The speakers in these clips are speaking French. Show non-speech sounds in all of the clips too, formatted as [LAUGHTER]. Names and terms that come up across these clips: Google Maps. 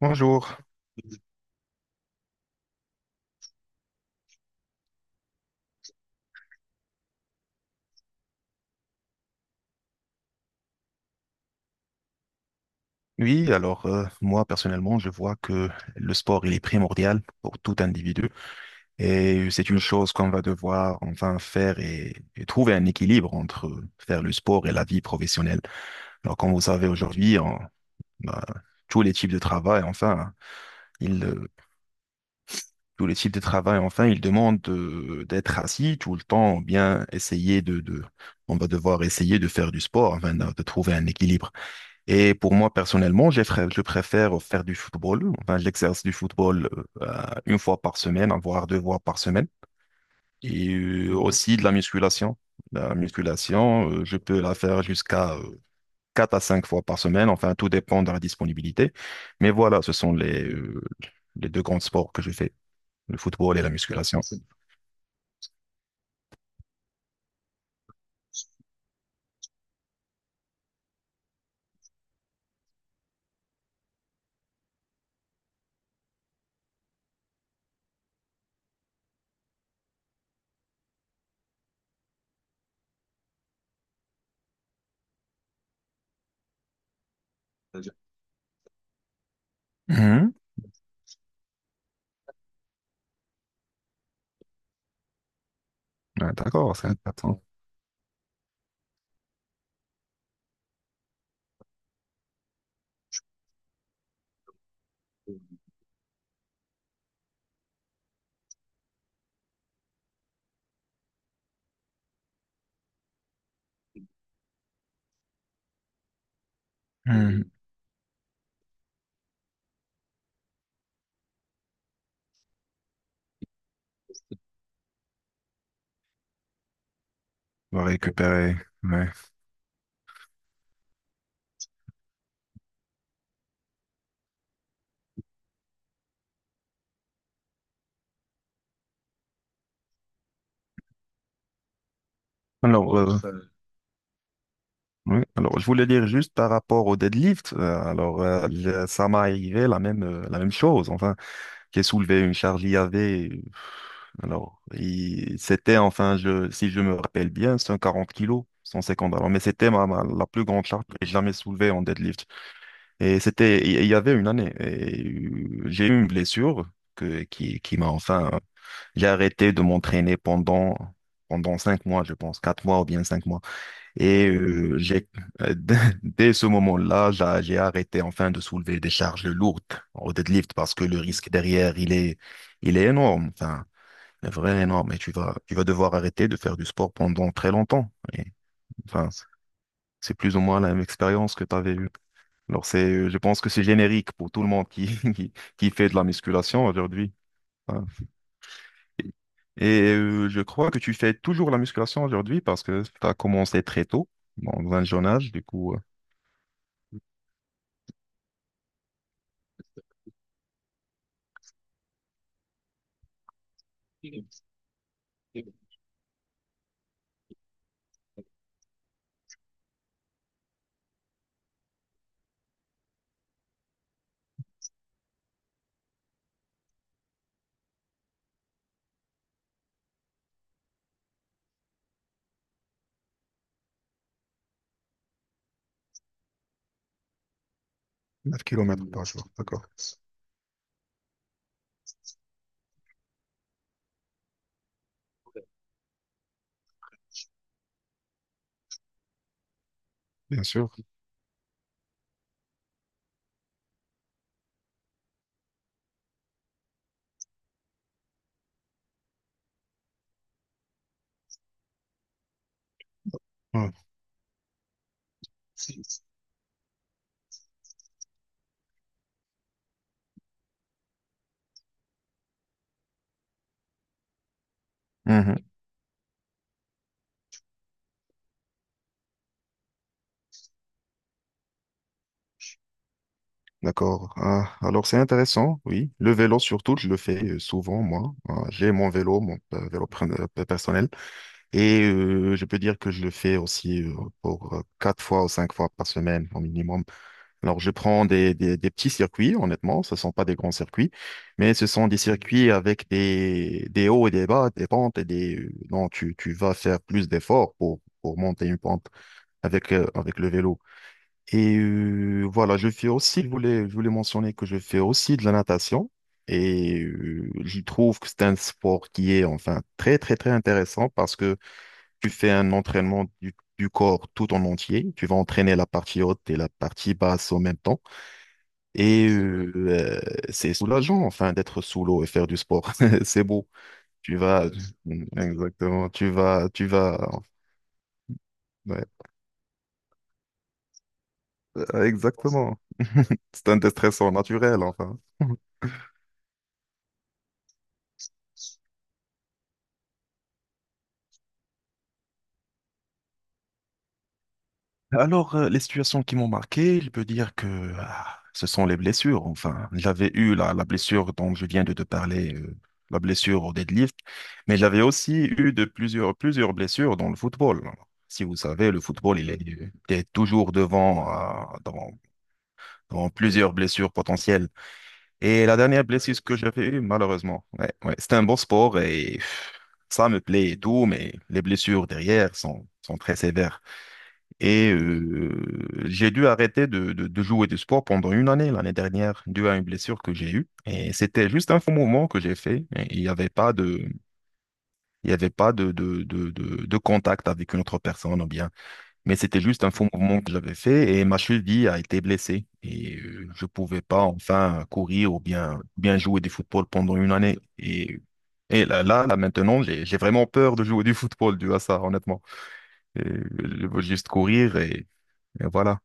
Bonjour. Oui, alors moi personnellement, je vois que le sport, il est primordial pour tout individu et c'est une chose qu'on va devoir enfin faire et trouver un équilibre entre faire le sport et la vie professionnelle. Alors, comme vous savez aujourd'hui, bah, tous les types de travail, enfin, ils, euh, tous les types de travail, enfin, ils demandent d'être assis tout le temps ou bien essayer on va devoir essayer de faire du sport, enfin, de trouver un équilibre. Et pour moi, personnellement, je préfère faire du football. Enfin, j'exerce du football une fois par semaine, voire deux fois par semaine. Et mhm, aussi de la musculation. La musculation, je peux la faire jusqu'à quatre à cinq fois par semaine. Enfin, tout dépend de la disponibilité. Mais voilà, ce sont les deux grands sports que je fais, le football et la musculation. Mhm. Ah, d'accord, c'est intéressant. Mhm. Mhm. On va récupérer. Ouais. Alors, oui, alors je voulais dire juste par rapport au deadlift, alors ça m'est arrivé la même chose. Enfin, j'ai soulevé une charge IAV. euh, Alors, c'était, enfin, je si je me rappelle bien, 140 kilos, 150. Alors, mais c'était la plus grande charge que j'ai jamais soulevée en deadlift. Et c'était il y avait une année. Et j'ai eu une blessure que qui m'a, enfin, j'ai arrêté de m'entraîner pendant 5 mois, je pense 4 mois ou bien 5 mois. Et dès [LAUGHS] dès ce moment-là, j'ai arrêté, enfin, de soulever des charges lourdes au deadlift parce que le risque derrière, il est énorme, enfin, il est vraiment énorme. Et tu vas devoir arrêter de faire du sport pendant très longtemps. Et, enfin, c'est plus ou moins la même expérience que tu avais eue. Alors, je pense que c'est générique pour tout le monde qui, [LAUGHS] qui fait de la musculation aujourd'hui. Enfin, et je crois que tu fais toujours la musculation aujourd'hui parce que tu as commencé très tôt, dans un jeune âge, du coup. 9 kilomètres par jour, d'accord, bien sûr. Ouais. Mhm. D'accord. Ah, alors c'est intéressant, oui. Le vélo surtout, je le fais souvent, moi. Ah, j'ai mon vélo, mon, vélo personnel. Et je peux dire que je le fais aussi pour quatre fois ou cinq fois par semaine au minimum. Alors, je prends des petits circuits, honnêtement, ce ne sont pas des grands circuits, mais ce sont des circuits avec des hauts et des bas, des pentes non, tu vas faire plus d'efforts pour monter une pente avec le vélo. Et voilà, je fais aussi, je voulais mentionner que je fais aussi de la natation. Et je trouve que c'est un sport qui est, enfin, très, très, très intéressant parce que tu fais un entraînement du corps tout en entier. Tu vas entraîner la partie haute et la partie basse en même temps. Et euh, c'est soulageant, enfin, d'être sous l'eau et faire du sport. [LAUGHS] C'est beau. Tu vas, exactement, tu vas, ouais, exactement. C'est un déstressant naturel, enfin. Alors, les situations qui m'ont marqué, je peux dire que, ah, ce sont les blessures. Enfin, j'avais eu la blessure dont je viens de te parler, la blessure au deadlift, mais j'avais aussi eu de plusieurs blessures dans le football. Si vous savez, le football, il est toujours devant, euh, dans, dans plusieurs blessures potentielles. Et la dernière blessure que j'avais eue, malheureusement, ouais, ouais, c'était un bon sport et pff, ça me plaît et tout, mais les blessures derrière sont très sévères. Et j'ai dû arrêter de jouer du sport pendant une année l'année dernière, dû à une blessure que j'ai eue. Et c'était juste un faux mouvement que j'ai fait. Et il y avait pas de contact avec une autre personne ou bien. Mais c'était juste un faux mouvement que j'avais fait et ma cheville a été blessée. Et je pouvais pas, enfin, courir ou bien jouer du football pendant une année. Et, là, maintenant, j'ai vraiment peur de jouer du football dû à ça, honnêtement. Et je veux juste courir et voilà.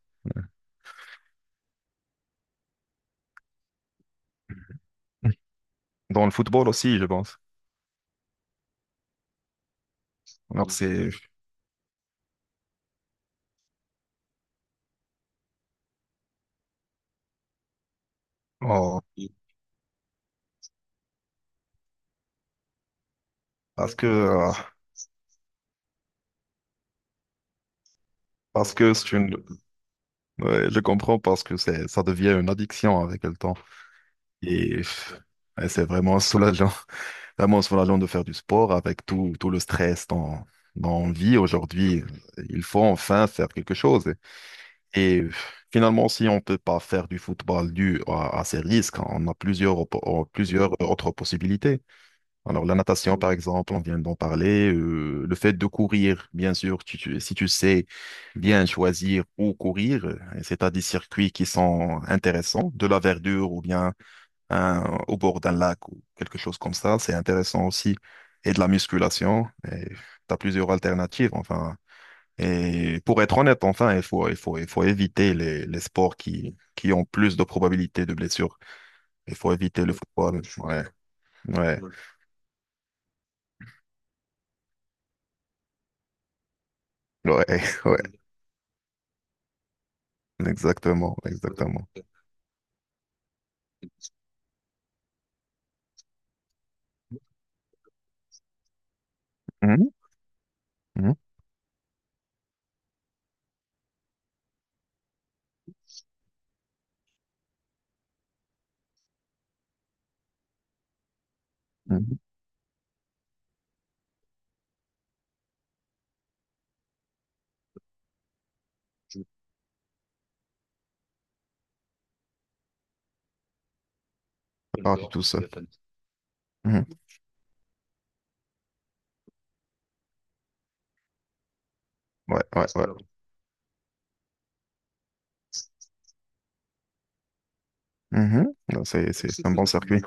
Dans le football aussi, je pense. Alors c'est oh, parce que euh, parce que c'est une ouais, je comprends, parce que c'est ça devient une addiction avec le temps et, et c'est vraiment soulageant, [LAUGHS] vraiment soulageant de faire du sport avec tout le stress dans vie aujourd'hui. Il faut, enfin, faire quelque chose et, finalement, si on peut pas faire du football dû à ces risques, on a plusieurs autres possibilités. Alors, la natation, par exemple, on vient d'en parler. Le fait de courir, bien sûr, si tu sais bien choisir où courir, c'est à des circuits qui sont intéressants, de la verdure ou bien au bord d'un lac ou quelque chose comme ça, c'est intéressant aussi. Et de la musculation, tu as plusieurs alternatives, enfin. Et pour être honnête, enfin, il faut éviter les sports qui ont plus de probabilités de blessures. Il faut éviter le football. Ouais, ouais, ouais, [LAUGHS] ouais. Exactement, exactement. Mhm, mhm, mhm. Ça part du d'accord, tout c'est seul. La famille. Mhm. Ouais, ouais, ouais. Alors, mhm. Non, c'est un bon circuit.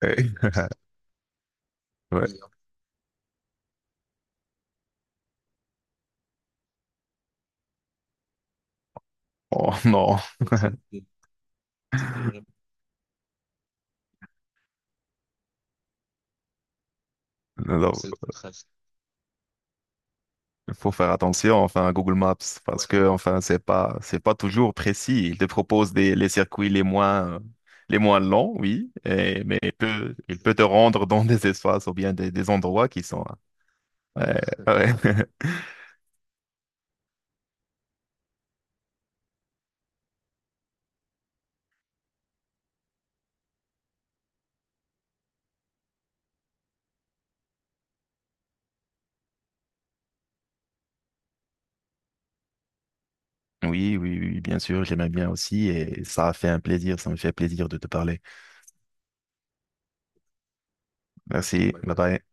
Eh, [LAUGHS] ouais. Meilleur. Oh non. Non, non. Il faut faire attention, enfin, à Google Maps, parce, ouais, que, enfin, c'est pas toujours précis. Il te propose les circuits les moins longs, oui, mais il peut te rendre dans des espaces ou bien des endroits qui sont, ouais, ouais. [LAUGHS] Oui, oui, oui, bien sûr, j'aimais bien aussi et ça a fait un plaisir, ça me fait plaisir de te parler. Merci. Ouais. Bye bye.